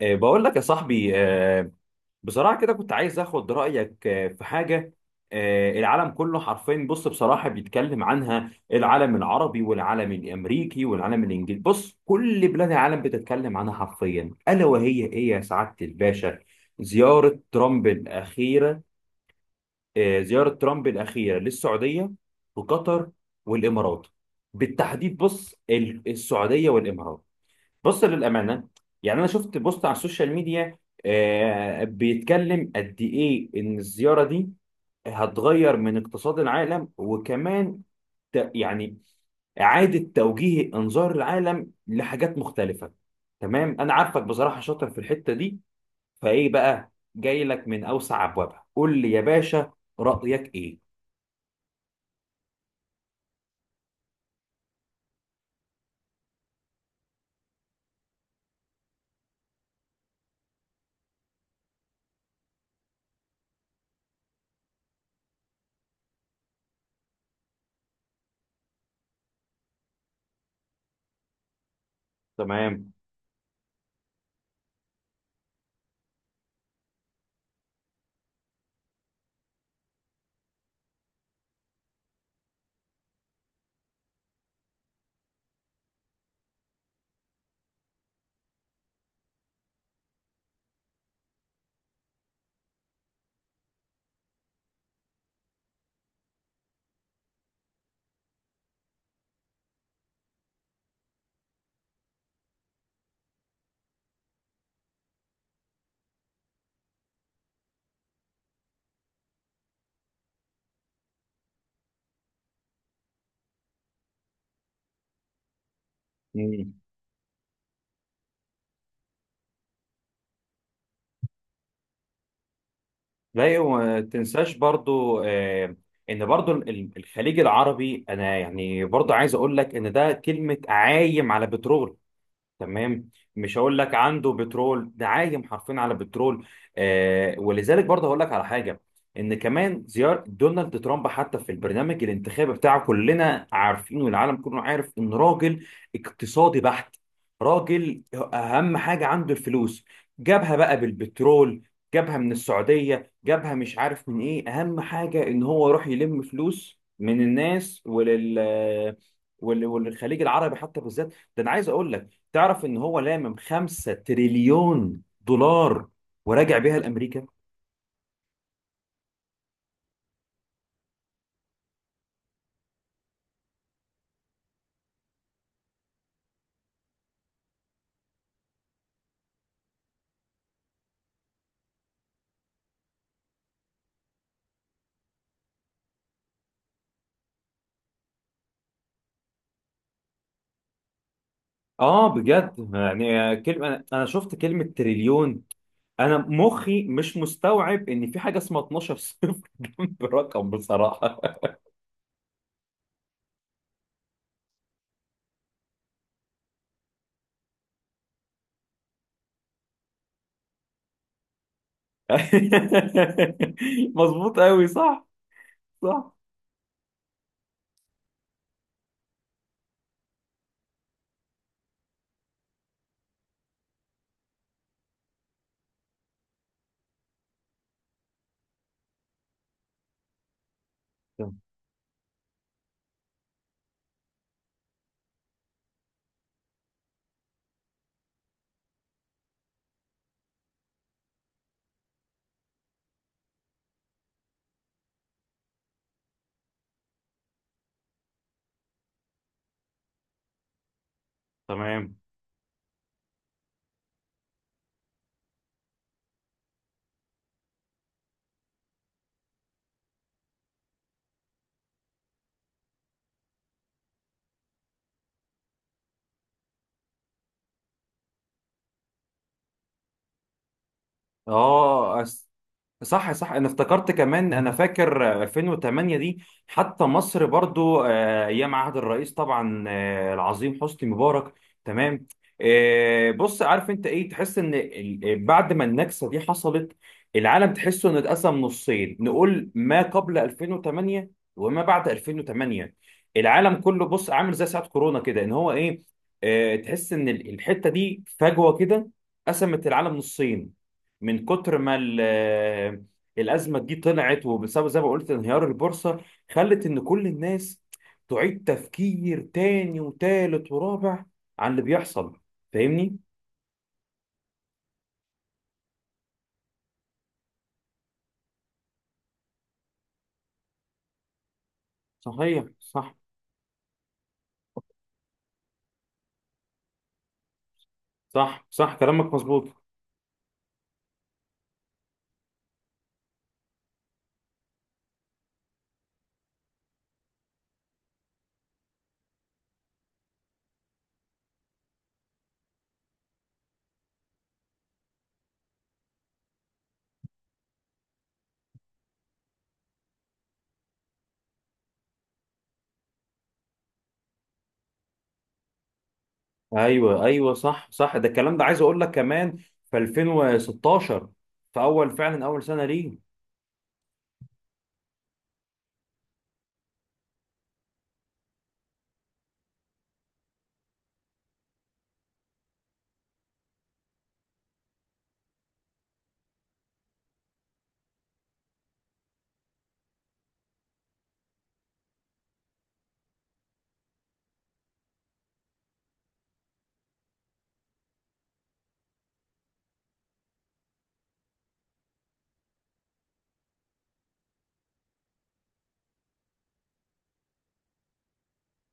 بقول لك يا صاحبي، بصراحة كده كنت عايز اخد رأيك في حاجة. العالم كله حرفيا، بص، بصراحة بيتكلم عنها، العالم العربي والعالم الامريكي والعالم الانجليزي، بص كل بلاد العالم بتتكلم عنها حرفيا، ألا وهي ايه يا سعادة الباشا؟ زيارة ترامب الأخيرة. زيارة ترامب الأخيرة للسعودية وقطر والإمارات بالتحديد. بص السعودية والإمارات. بص للأمانة، يعني أنا شفت بوست على السوشيال ميديا بيتكلم قد إيه إن الزيارة دي هتغير من اقتصاد العالم، وكمان يعني إعادة توجيه إنظار العالم لحاجات مختلفة. تمام، أنا عارفك بصراحة شاطر في الحتة دي، فإيه بقى، جاي لك من أوسع أبوابها، قول لي يا باشا، رأيك إيه؟ تمام. لا وما تنساش برضو، ان برضو الخليج العربي، انا يعني برضو عايز اقول لك ان ده كلمة عايم على بترول. تمام. مش هقول لك عنده بترول، ده عايم حرفيا على بترول. آه، ولذلك برضه هقول لك على حاجه، ان كمان زياره دونالد ترامب حتى في البرنامج الانتخابي بتاعه، كلنا عارفين والعالم كله عارف ان راجل اقتصادي بحت. راجل اهم حاجه عنده الفلوس. جابها بقى بالبترول، جابها من السعوديه، جابها مش عارف من ايه، اهم حاجه ان هو يروح يلم فلوس من الناس، وللخليج العربي حتى بالذات. ده انا عايز اقول لك، تعرف ان هو لامم 5 تريليون دولار وراجع بيها لامريكا. اه، بجد، يعني كلمه، أنا شفت كلمه تريليون، انا مخي مش مستوعب ان في حاجه اسمها 12 صفر جنب رقم بصراحه. مظبوط قوي، صح، صح، تمام. اه، صح صح، انا افتكرت، كمان انا فاكر 2008 دي. حتى مصر برضو ايام عهد الرئيس، طبعا العظيم حسني مبارك. تمام. بص، عارف انت ايه، تحس ان بعد ما النكسة دي حصلت، العالم تحسه انه اتقسم نصين، نقول ما قبل 2008 وما بعد 2008. العالم كله بص عامل زي ساعة كورونا كده، ان هو ايه، تحس ان الحتة دي فجوة كده، قسمت العالم نصين. من كتر ما الازمه دي طلعت، وبسبب زي ما قلت انهيار البورصه، خلت ان كل الناس تعيد تفكير تاني وتالت ورابع عن اللي بيحصل، فاهمني؟ صحيح، صح، صح. صح كلامك مظبوط. ايوه ايوه، صح صح، ده الكلام، ده عايز اقول لك كمان، في 2016، في اول، فعلا اول سنه ليه.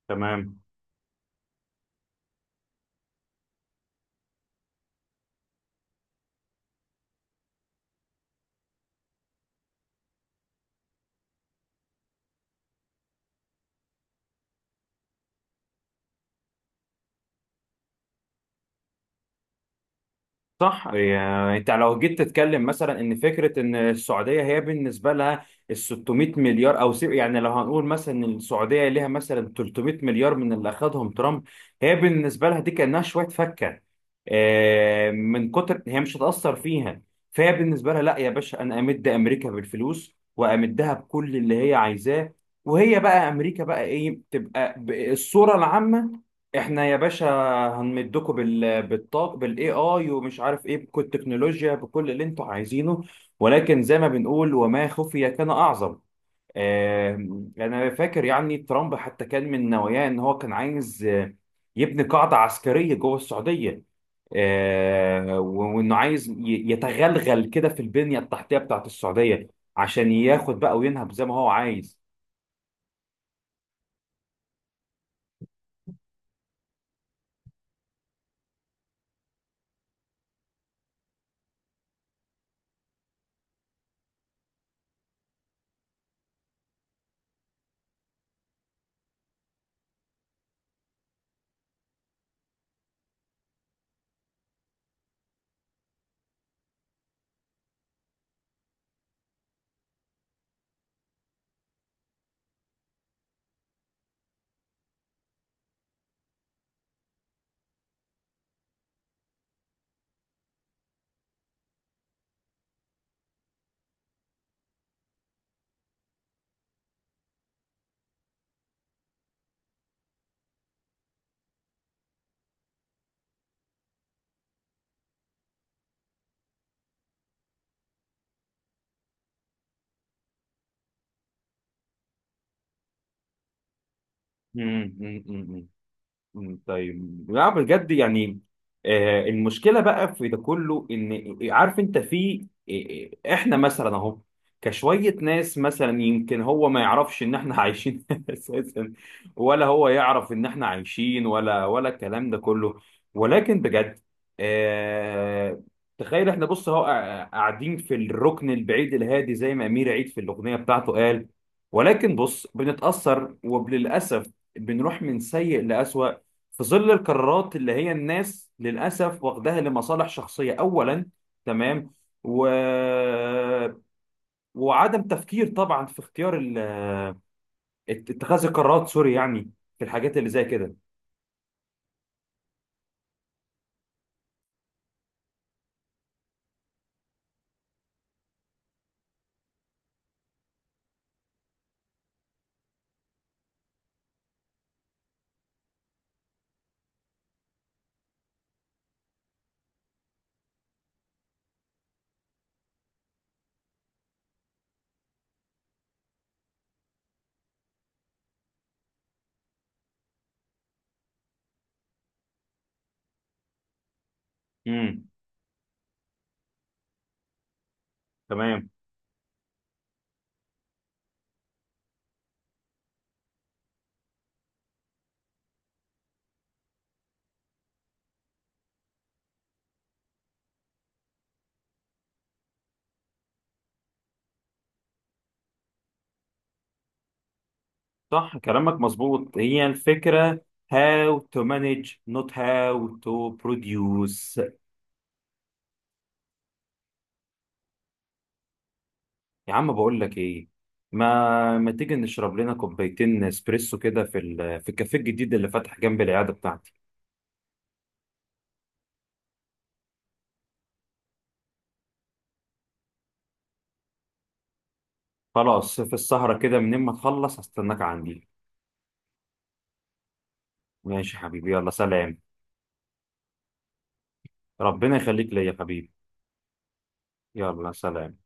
تمام. صح، يعني انت لو جيت تتكلم مثلا ان فكره، ان السعوديه هي بالنسبه لها ال 600 مليار، او يعني لو هنقول مثلا ان السعوديه ليها مثلا 300 مليار من اللي اخذهم ترامب، هي بالنسبه لها دي كانها شويه فكه. من كتر، هي مش هتاثر فيها. فهي بالنسبه لها، لا يا باشا، انا امد امريكا بالفلوس وامدها بكل اللي هي عايزاه. وهي بقى امريكا بقى ايه تبقى الصوره العامه، احنا يا باشا هنمدكوا بالاي اي ومش عارف ايه، بكل التكنولوجيا بكل اللي انتوا عايزينه. ولكن زي ما بنقول، وما خفي كان اعظم. انا فاكر يعني ترامب حتى كان من نواياه ان هو كان عايز يبني قاعده عسكريه جوه السعوديه، وانه عايز يتغلغل كده في البنيه التحتيه بتاعت السعوديه، عشان ياخد بقى وينهب زي ما هو عايز. طيب، لا بجد يعني. المشكله بقى في ده كله، ان عارف انت، في احنا مثلا اهو، كشويه ناس مثلا، يمكن هو ما يعرفش ان احنا عايشين اساسا، ولا هو يعرف ان احنا عايشين، ولا الكلام ده كله. ولكن بجد، آه، تخيل، احنا بص اهو قاعدين في الركن البعيد الهادي زي ما امير عيد في الاغنيه بتاعته قال. ولكن بص بنتاثر، وللاسف بنروح من سيء لأسوأ في ظل القرارات اللي هي الناس للأسف واخداها لمصالح شخصية أولا. تمام. و... وعدم تفكير طبعا في اختيار اتخاذ القرارات، سوري يعني، في الحاجات اللي زي كده. امم تمام، صح كلامك مظبوط، هي الفكرة. How to manage, not how to produce. يا عم بقول لك ايه، ما تيجي نشرب لنا كوبايتين اسبريسو كده في الكافيه الجديد اللي فتح جنب العيادة بتاعتي. خلاص، في السهرة كده، منين ما تخلص هستناك عندي. ماشي يا حبيبي، يلا سلام. ربنا يخليك ليا يا حبيبي. يلا سلام.